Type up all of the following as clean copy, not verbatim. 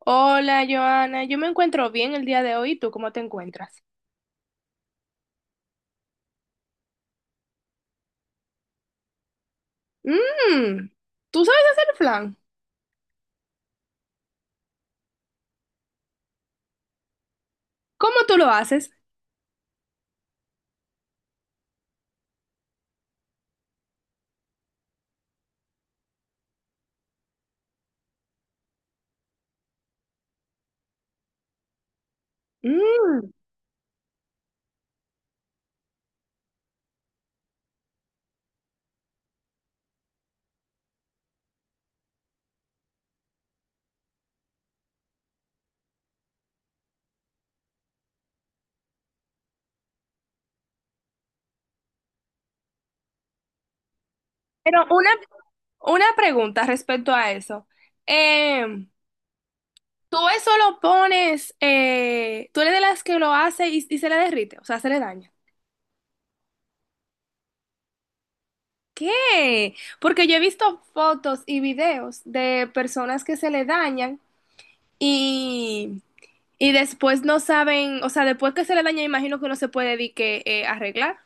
Hola, Joana. Yo me encuentro bien el día de hoy. ¿Y tú cómo te encuentras? Mmm, ¿tú sabes hacer flan? ¿Cómo tú lo haces? Mmm. Pero una pregunta respecto a eso. Em, ¿Tú eso lo pones, tú eres de las que lo hace y se le derrite, o sea, se le daña? ¿Qué? Porque yo he visto fotos y videos de personas que se le dañan. Y, y después no saben, o sea, después que se le daña, imagino que no se puede di que arreglar.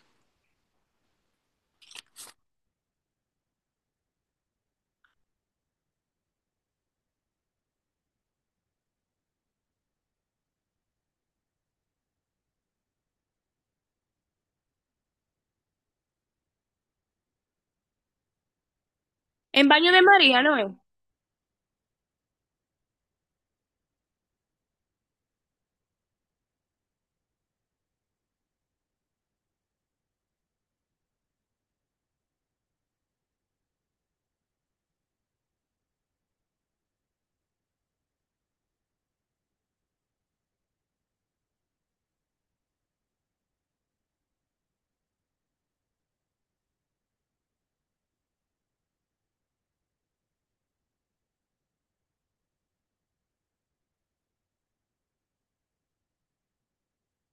En baño de María, ¿no es?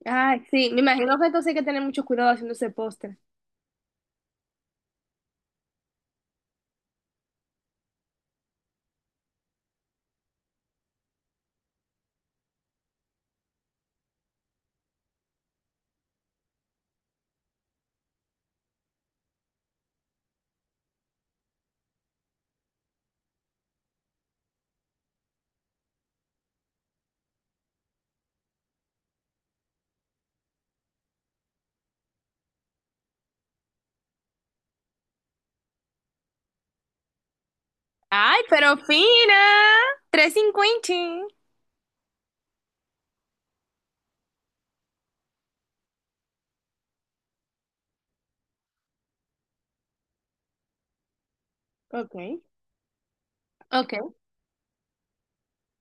Ay, sí, me imagino que entonces hay que tener mucho cuidado haciendo ese postre. Ay, pero fina, 350. Ok. Ok.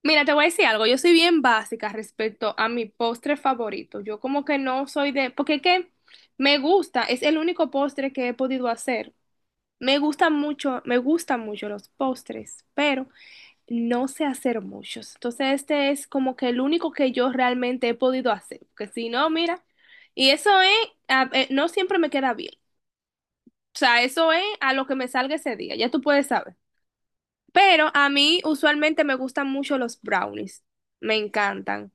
Mira, te voy a decir algo. Yo soy bien básica respecto a mi postre favorito. Yo como que no soy de... Porque es que me gusta, es el único postre que he podido hacer. Me gusta mucho, me gustan mucho los postres, pero no sé hacer muchos. Entonces, este es como que el único que yo realmente he podido hacer. Porque si no, mira, y eso es, no siempre me queda bien. O sea, eso es a lo que me salga ese día, ya tú puedes saber. Pero a mí usualmente me gustan mucho los brownies. Me encantan.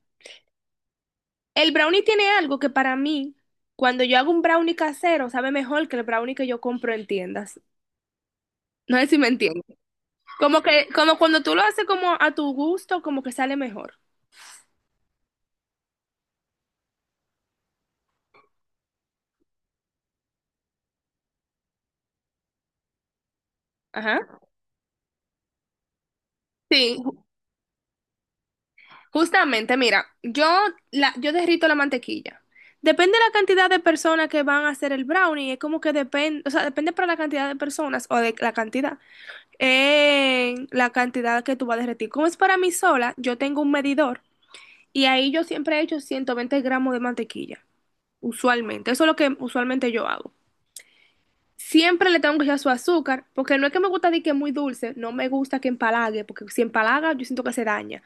El brownie tiene algo que para mí, cuando yo hago un brownie casero, sabe mejor que el brownie que yo compro en tiendas. No sé si me entiendes. Como que, como cuando tú lo haces como a tu gusto, como que sale mejor. Ajá. Sí. Justamente, mira, yo, la, yo derrito la mantequilla. Depende de la cantidad de personas que van a hacer el brownie, es como que depende, o sea, depende para la cantidad de personas o de la cantidad que tú vas a derretir. Como es para mí sola, yo tengo un medidor y ahí yo siempre he hecho 120 gramos de mantequilla, usualmente. Eso es lo que usualmente yo hago. Siempre le tengo que echar su azúcar, porque no es que me gusta de que es muy dulce, no me gusta que empalague, porque si empalaga yo siento que se daña.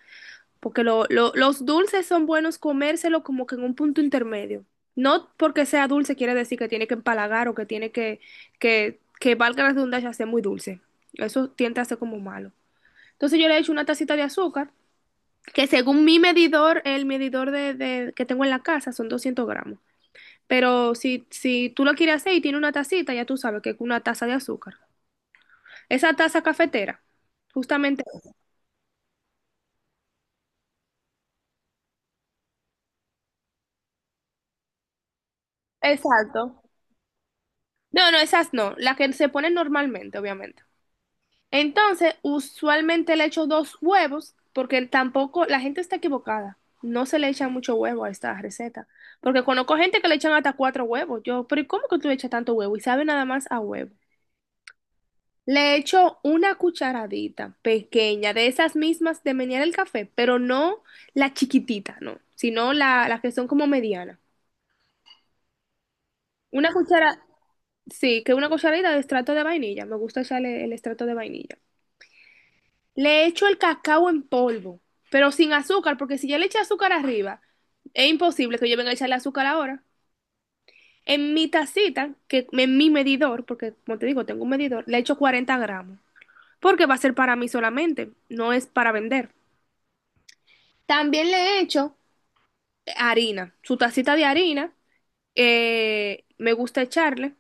Porque los dulces son buenos comérselo como que en un punto intermedio. No porque sea dulce quiere decir que tiene que empalagar o que tiene que, que valga la redundancia, ser muy dulce. Eso tiende a ser como malo. Entonces yo le he hecho una tacita de azúcar, que según mi medidor, el medidor que tengo en la casa son 200 gramos. Pero si, si tú lo quieres hacer y tiene una tacita, ya tú sabes que es una taza de azúcar. Esa taza cafetera, justamente. Exacto. No, no, esas no, las que se ponen normalmente, obviamente. Entonces, usualmente le echo dos huevos, porque tampoco la gente está equivocada. No se le echa mucho huevo a esta receta. Porque conozco gente que le echan hasta cuatro huevos. Yo, pero ¿y cómo que tú le echas tanto huevo? Y sabe nada más a huevo. Le echo una cucharadita pequeña de esas mismas de menear el café, pero no la chiquitita, no, sino la, las que son como medianas. Una cuchara, sí, que una cucharadita de extracto de vainilla. Me gusta echarle el extracto de vainilla. Le echo el cacao en polvo, pero sin azúcar, porque si ya le eché azúcar arriba, es imposible que yo venga a echarle azúcar ahora. En mi tacita, que en mi medidor, porque como te digo, tengo un medidor, le echo 40 gramos, porque va a ser para mí solamente, no es para vender. También le echo harina, su tacita de harina, me gusta echarle.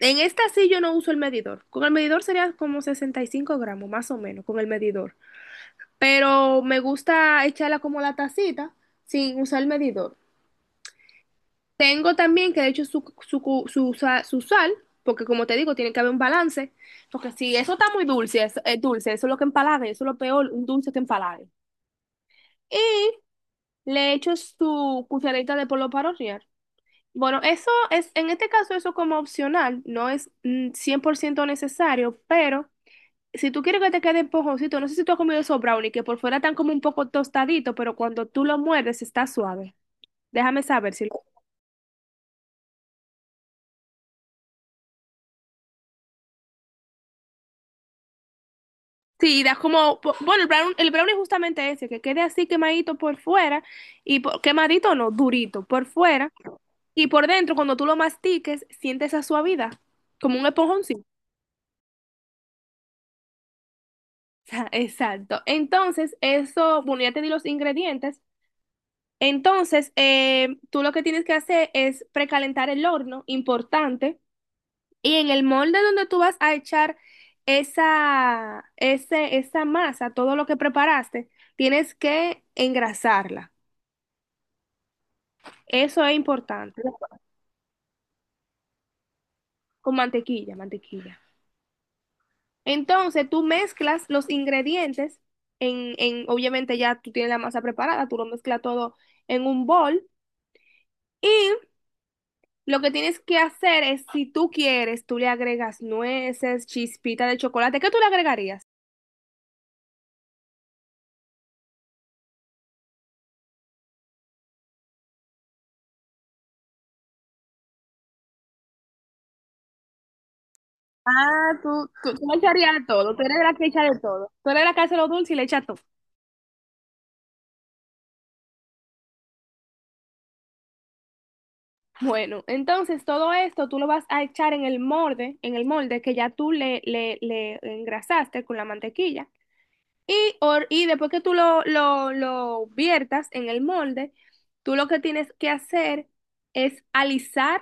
En esta sí yo no uso el medidor. Con el medidor sería como 65 gramos, más o menos, con el medidor. Pero me gusta echarla como la tacita sin usar el medidor. Tengo también que le echo su, su, cu- su, sa- su sal, porque como te digo, tiene que haber un balance, porque si eso está muy dulce, es dulce, eso es lo que empalaga, eso es lo peor, un dulce que empalaga. Y le echo su cucharadita de polvo para hornear. Bueno, eso es, en este caso eso como opcional, no es 100% necesario, pero si tú quieres que te quede esponjosito, no sé si tú has comido esos brownies que por fuera están como un poco tostaditos, pero cuando tú lo muerdes está suave. Déjame saber si lo... Sí, das como... Bueno, el brownie es justamente ese, que quede así quemadito por fuera quemadito no, durito por fuera y por dentro cuando tú lo mastiques sientes esa suavidad, como un esponjoncito. Exacto. Entonces, eso, bueno, ya te di los ingredientes. Entonces, tú lo que tienes que hacer es precalentar el horno, importante. Y en el molde donde tú vas a echar esa masa, todo lo que preparaste, tienes que engrasarla. Eso es importante. Con mantequilla, mantequilla. Entonces tú mezclas los ingredientes obviamente ya tú tienes la masa preparada, tú lo mezclas todo en un bol y lo que tienes que hacer es, si tú quieres, tú le agregas nueces, chispita de chocolate. ¿Qué tú le agregarías? Ah, tú le echarías todo, tú eres la que echa de todo. Tú eres la que hace lo dulce y le echa todo. Bueno, entonces todo esto tú lo vas a echar en el molde que ya tú le engrasaste con la mantequilla. Y, y después que tú lo viertas en el molde, tú lo que tienes que hacer es alisar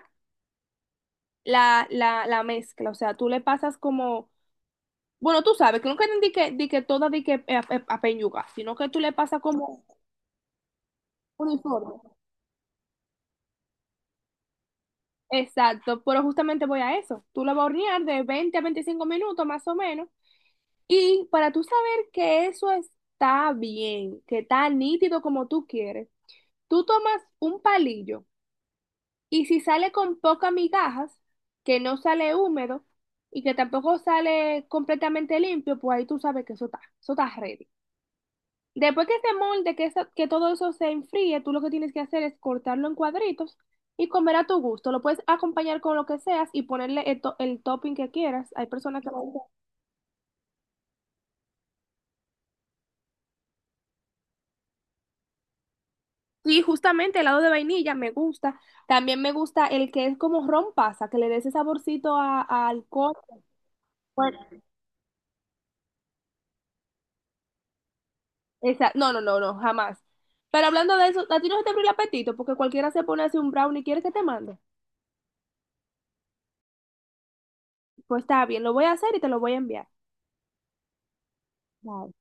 la mezcla. O sea, tú le pasas como, bueno, tú sabes que nunca di que, di que toda di que peñuga, sino que tú le pasas como uniforme. Exacto, pero justamente voy a eso. Tú lo vas a hornear de 20 a 25 minutos más o menos. Y para tú saber que eso está bien, que está nítido como tú quieres, tú tomas un palillo y si sale con pocas migajas, que no sale húmedo y que tampoco sale completamente limpio, pues ahí tú sabes que eso está ready. Después que este molde, que todo eso se enfríe, tú lo que tienes que hacer es cortarlo en cuadritos y comer a tu gusto. Lo puedes acompañar con lo que seas y ponerle el, el topping que quieras. Hay personas que... le dicen, sí, justamente helado de vainilla me gusta. También me gusta el que es como ron pasa, que le dé ese saborcito a alcohol. Bueno, no, no, no, no, jamás. Pero hablando de eso, a ti no se te abre el apetito porque cualquiera se pone así un brownie y quiere que te mande. Pues está bien, lo voy a hacer y te lo voy a enviar. Bye.